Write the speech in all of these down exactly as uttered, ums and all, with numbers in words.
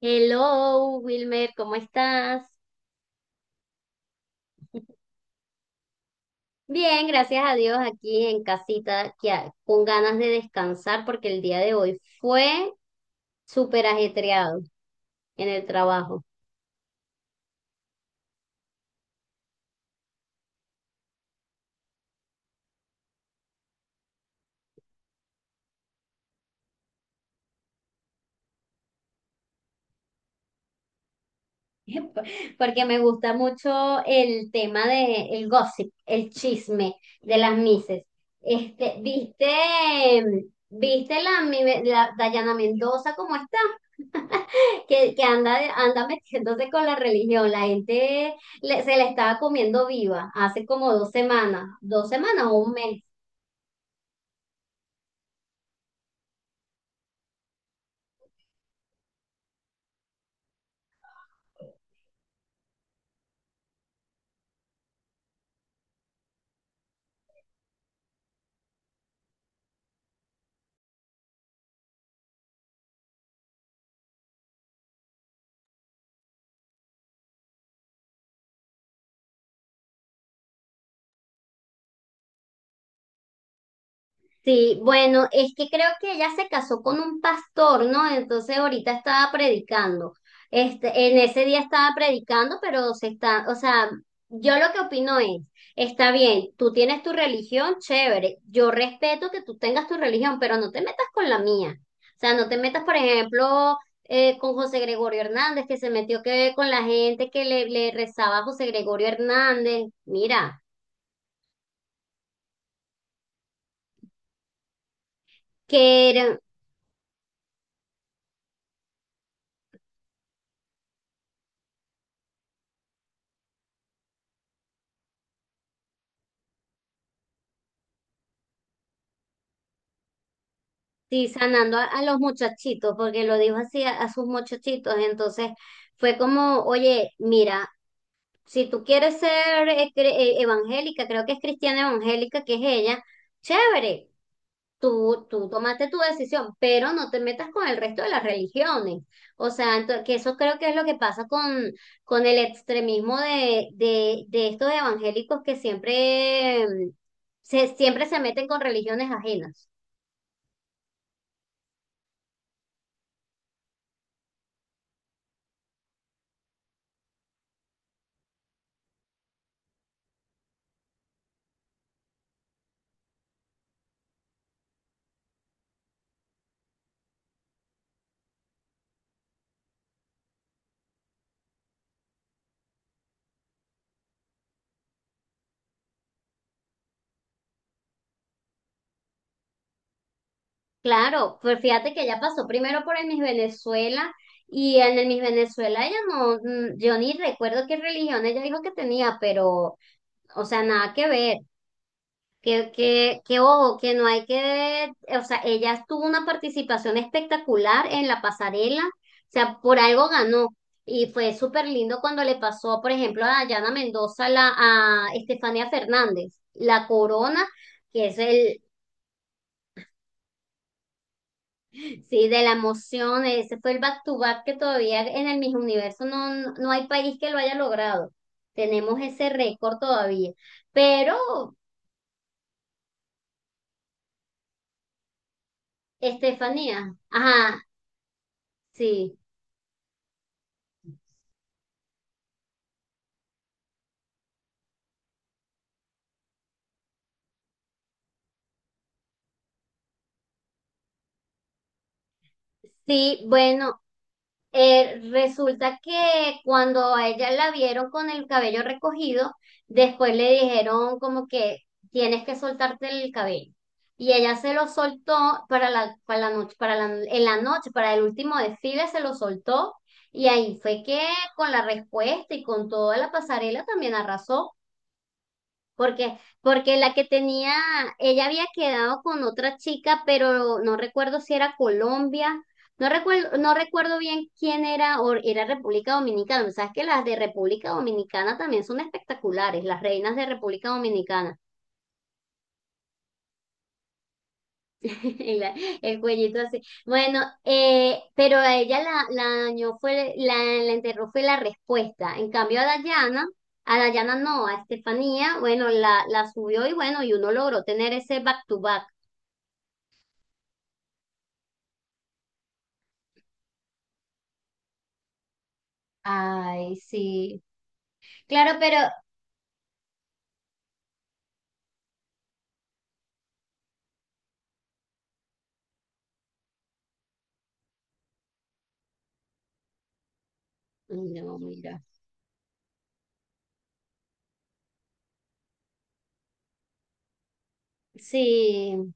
Hello, Wilmer, ¿cómo estás? Bien, gracias a Dios aquí en casita, que a- con ganas de descansar porque el día de hoy fue súper ajetreado en el trabajo. Porque me gusta mucho el tema de el gossip, el chisme de las mises. Este, ¿viste, viste la, mi- la Dayana Mendoza cómo está? que, que anda, anda metiéndose con la religión. La gente le- se la estaba comiendo viva hace como dos semanas, dos semanas o un mes. Sí, bueno, es que creo que ella se casó con un pastor, ¿no? Entonces ahorita estaba predicando. Este, en ese día estaba predicando, pero se está, o sea, yo lo que opino es, está bien, tú tienes tu religión, chévere. Yo respeto que tú tengas tu religión, pero no te metas con la mía. O sea, no te metas, por ejemplo, eh, con José Gregorio Hernández, que se metió que con la gente que le, le rezaba a José Gregorio Hernández. Mira. que era- Sí, sanando a, a los muchachitos, porque lo dijo así a, a sus muchachitos. Entonces fue como, oye, mira, si tú quieres ser eh, cre- eh, evangélica, creo que es cristiana evangélica, que es ella, chévere, tú, tú tomaste tu decisión, pero no te metas con el resto de las religiones. O sea, ento- que eso creo que es lo que pasa con, con el extremismo de, de, de estos evangélicos que siempre, eh, se, siempre se meten con religiones ajenas. Claro, pues fíjate que ella pasó primero por el Miss Venezuela y en el Miss Venezuela ella no, mm, yo ni recuerdo qué religión ella dijo que tenía, pero, o sea, nada que ver, que, que, que ojo, que no hay que, o sea, ella tuvo una participación espectacular en la pasarela, o sea, por algo ganó y fue súper lindo cuando le pasó, por ejemplo, a Dayana Mendoza, la, a Estefanía Fernández, la corona que es el, sí, de la emoción, ese fue el back to back que todavía en el Miss Universo no, no no hay país que lo haya logrado. Tenemos ese récord todavía. Pero, Estefanía, ajá, sí, sí, bueno, Eh, resulta que cuando a ella la vieron con el cabello recogido, después le dijeron como que tienes que soltarte el cabello. Y ella se lo soltó para la, para la noche, para la- en la noche, para el último desfile se lo soltó. Y ahí fue que con la respuesta y con toda la pasarela también arrasó. Porque, porque la que tenía, ella había quedado con otra chica, pero no recuerdo si era Colombia, no recuerdo, no recuerdo bien quién era, o era República Dominicana. Sabes que las de República Dominicana también son espectaculares, las reinas de República Dominicana. Y la- el cuellito así. Bueno, eh, pero a ella la, la dañó fue, la, la enterró fue la respuesta. En cambio a Dayana, a Dayana no, a Estefanía, bueno, la, la subió y bueno, y uno logró tener ese back to back. Ay, sí. Claro, pero... No, mira. Sí.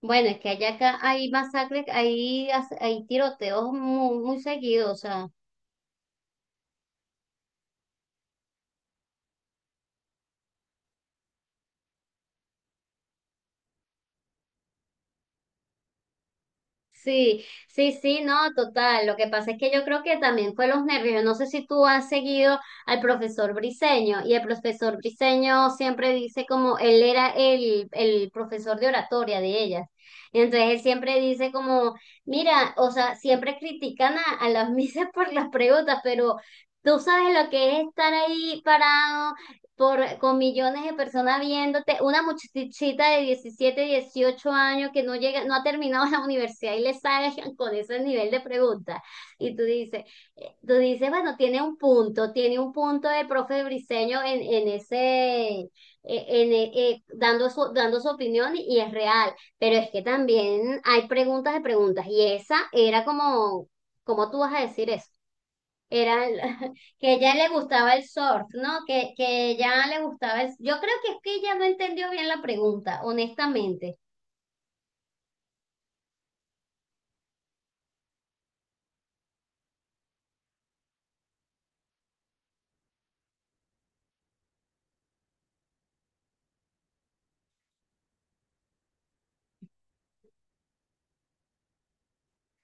Bueno, es que allá acá hay masacres, hay, as- hay tiroteos muy, muy seguidos, o sea. Sí, sí, sí, no, total. Lo que pasa es que yo creo que también fue los nervios. Yo no sé si tú has seguido al profesor Briseño y el profesor Briseño siempre dice como él era el, el profesor de oratoria de ellas. Y entonces él siempre dice como, mira, o sea, siempre critican a, a las misas por las preguntas, pero tú sabes lo que es estar ahí parado por, con millones de personas viéndote, una muchachita de diecisiete dieciocho años que no llega, no ha terminado la universidad y le salgan con ese nivel de preguntas. Y tú dices, eh, tú dices, bueno, tiene un punto, tiene un punto el profe Briseño en, en ese, eh, en, eh, dando su, dando su opinión y, y es real, pero es que también hay preguntas de preguntas y esa era como, ¿cómo tú vas a decir eso? Era el- que ella le gustaba el surf, ¿no? Que, que ella le gustaba el... Yo creo que es que ella no entendió bien la pregunta, honestamente.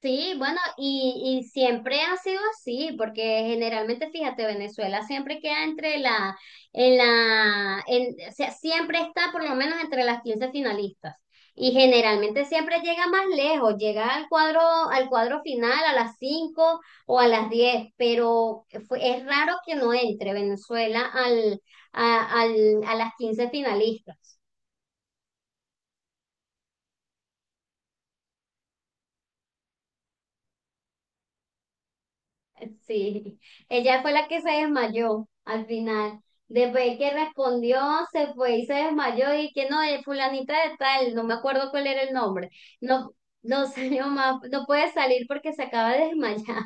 Sí, bueno, y, y siempre ha sido así, porque generalmente, fíjate, Venezuela siempre queda entre la, en la, en, o sea, siempre está por lo menos entre las quince finalistas. Y generalmente siempre llega más lejos, llega al cuadro, al cuadro final a las cinco o a las diez pero fue- es raro que no entre Venezuela al, a, al- a las quince finalistas. Sí, ella fue la que se desmayó al final. Después el que respondió, se fue y se desmayó y que no, eh, fulanita de tal, no me acuerdo cuál era el nombre. No, no salió más, no puede salir porque se acaba de desmayar.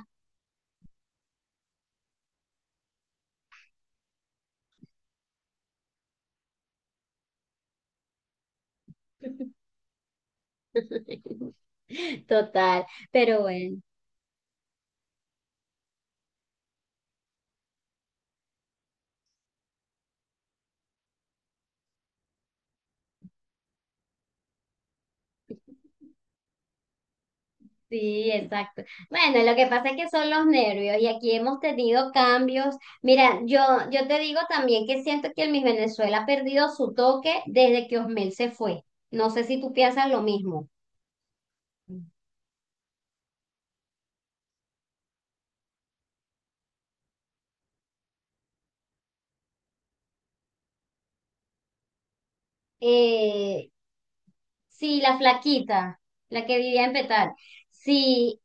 Total, pero bueno, sí, exacto. Bueno, lo que pasa es que son los nervios y aquí hemos tenido cambios. Mira, yo, yo te digo también que siento que el Miss Venezuela ha perdido su toque desde que Osmel se fue. No sé si tú piensas lo mismo. Eh, sí, la flaquita, la que vivía en Petal. Sí,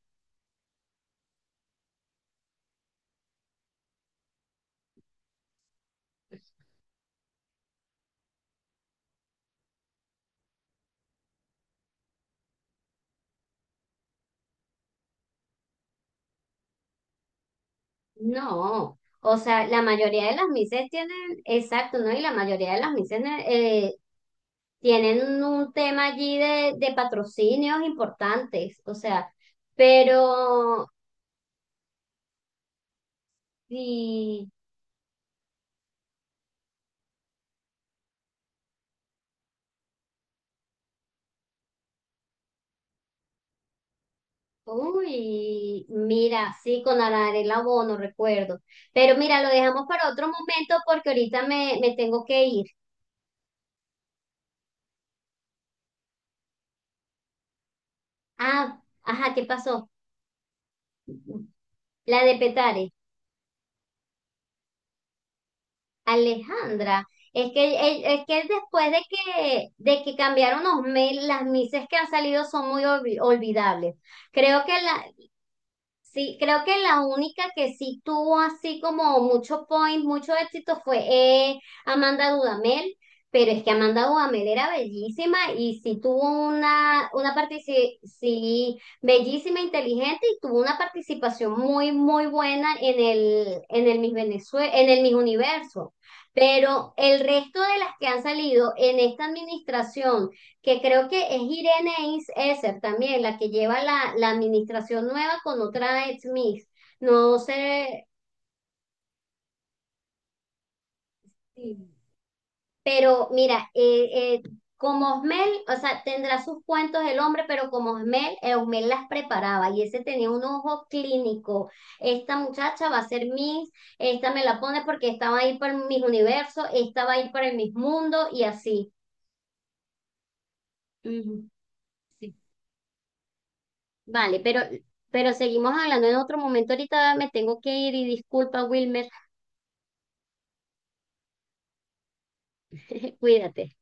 no. O sea, la mayoría de las mises tienen, exacto, ¿no? Y la mayoría de las mises eh, tienen un tema allí de, de patrocinios importantes. O sea, pero, y, uy, mira, sí, con Arela Bono, recuerdo. Pero mira, lo dejamos para otro momento porque ahorita me, me tengo que ir. Ah, ajá, ¿qué pasó? La de Petare. Alejandra, es que, el- es que después de que, de que cambiaron los mails, las mises que han salido son muy olvi- olvidables. Creo que la, Sí, creo que la única que sí tuvo así como mucho point, mucho éxito fue eh, Amanda Dudamel, pero es que Amanda Dudamel era bellísima y sí tuvo una, una participación, sí, bellísima, inteligente y tuvo una participación muy, muy buena en el, en el Miss Venezuela, en el Miss Universo. Pero el resto de las que han salido en esta administración que creo que es Irene Is- Esser también, la que lleva la, la administración nueva con otra ex Miss. No sé, pero mira, eh, eh, como Osmel, o sea, tendrá sus cuentos el hombre, pero como Osmel, eh, Osmel las preparaba y ese tenía un ojo clínico. Esta muchacha va a ser Miss, esta me la pone porque estaba ahí para mis universos, esta va a ir para el Miss Mundo y así. Ujú, sí. Vale, pero, pero seguimos hablando en otro momento. Ahorita me tengo que ir y disculpa, Wilmer. Cuídate.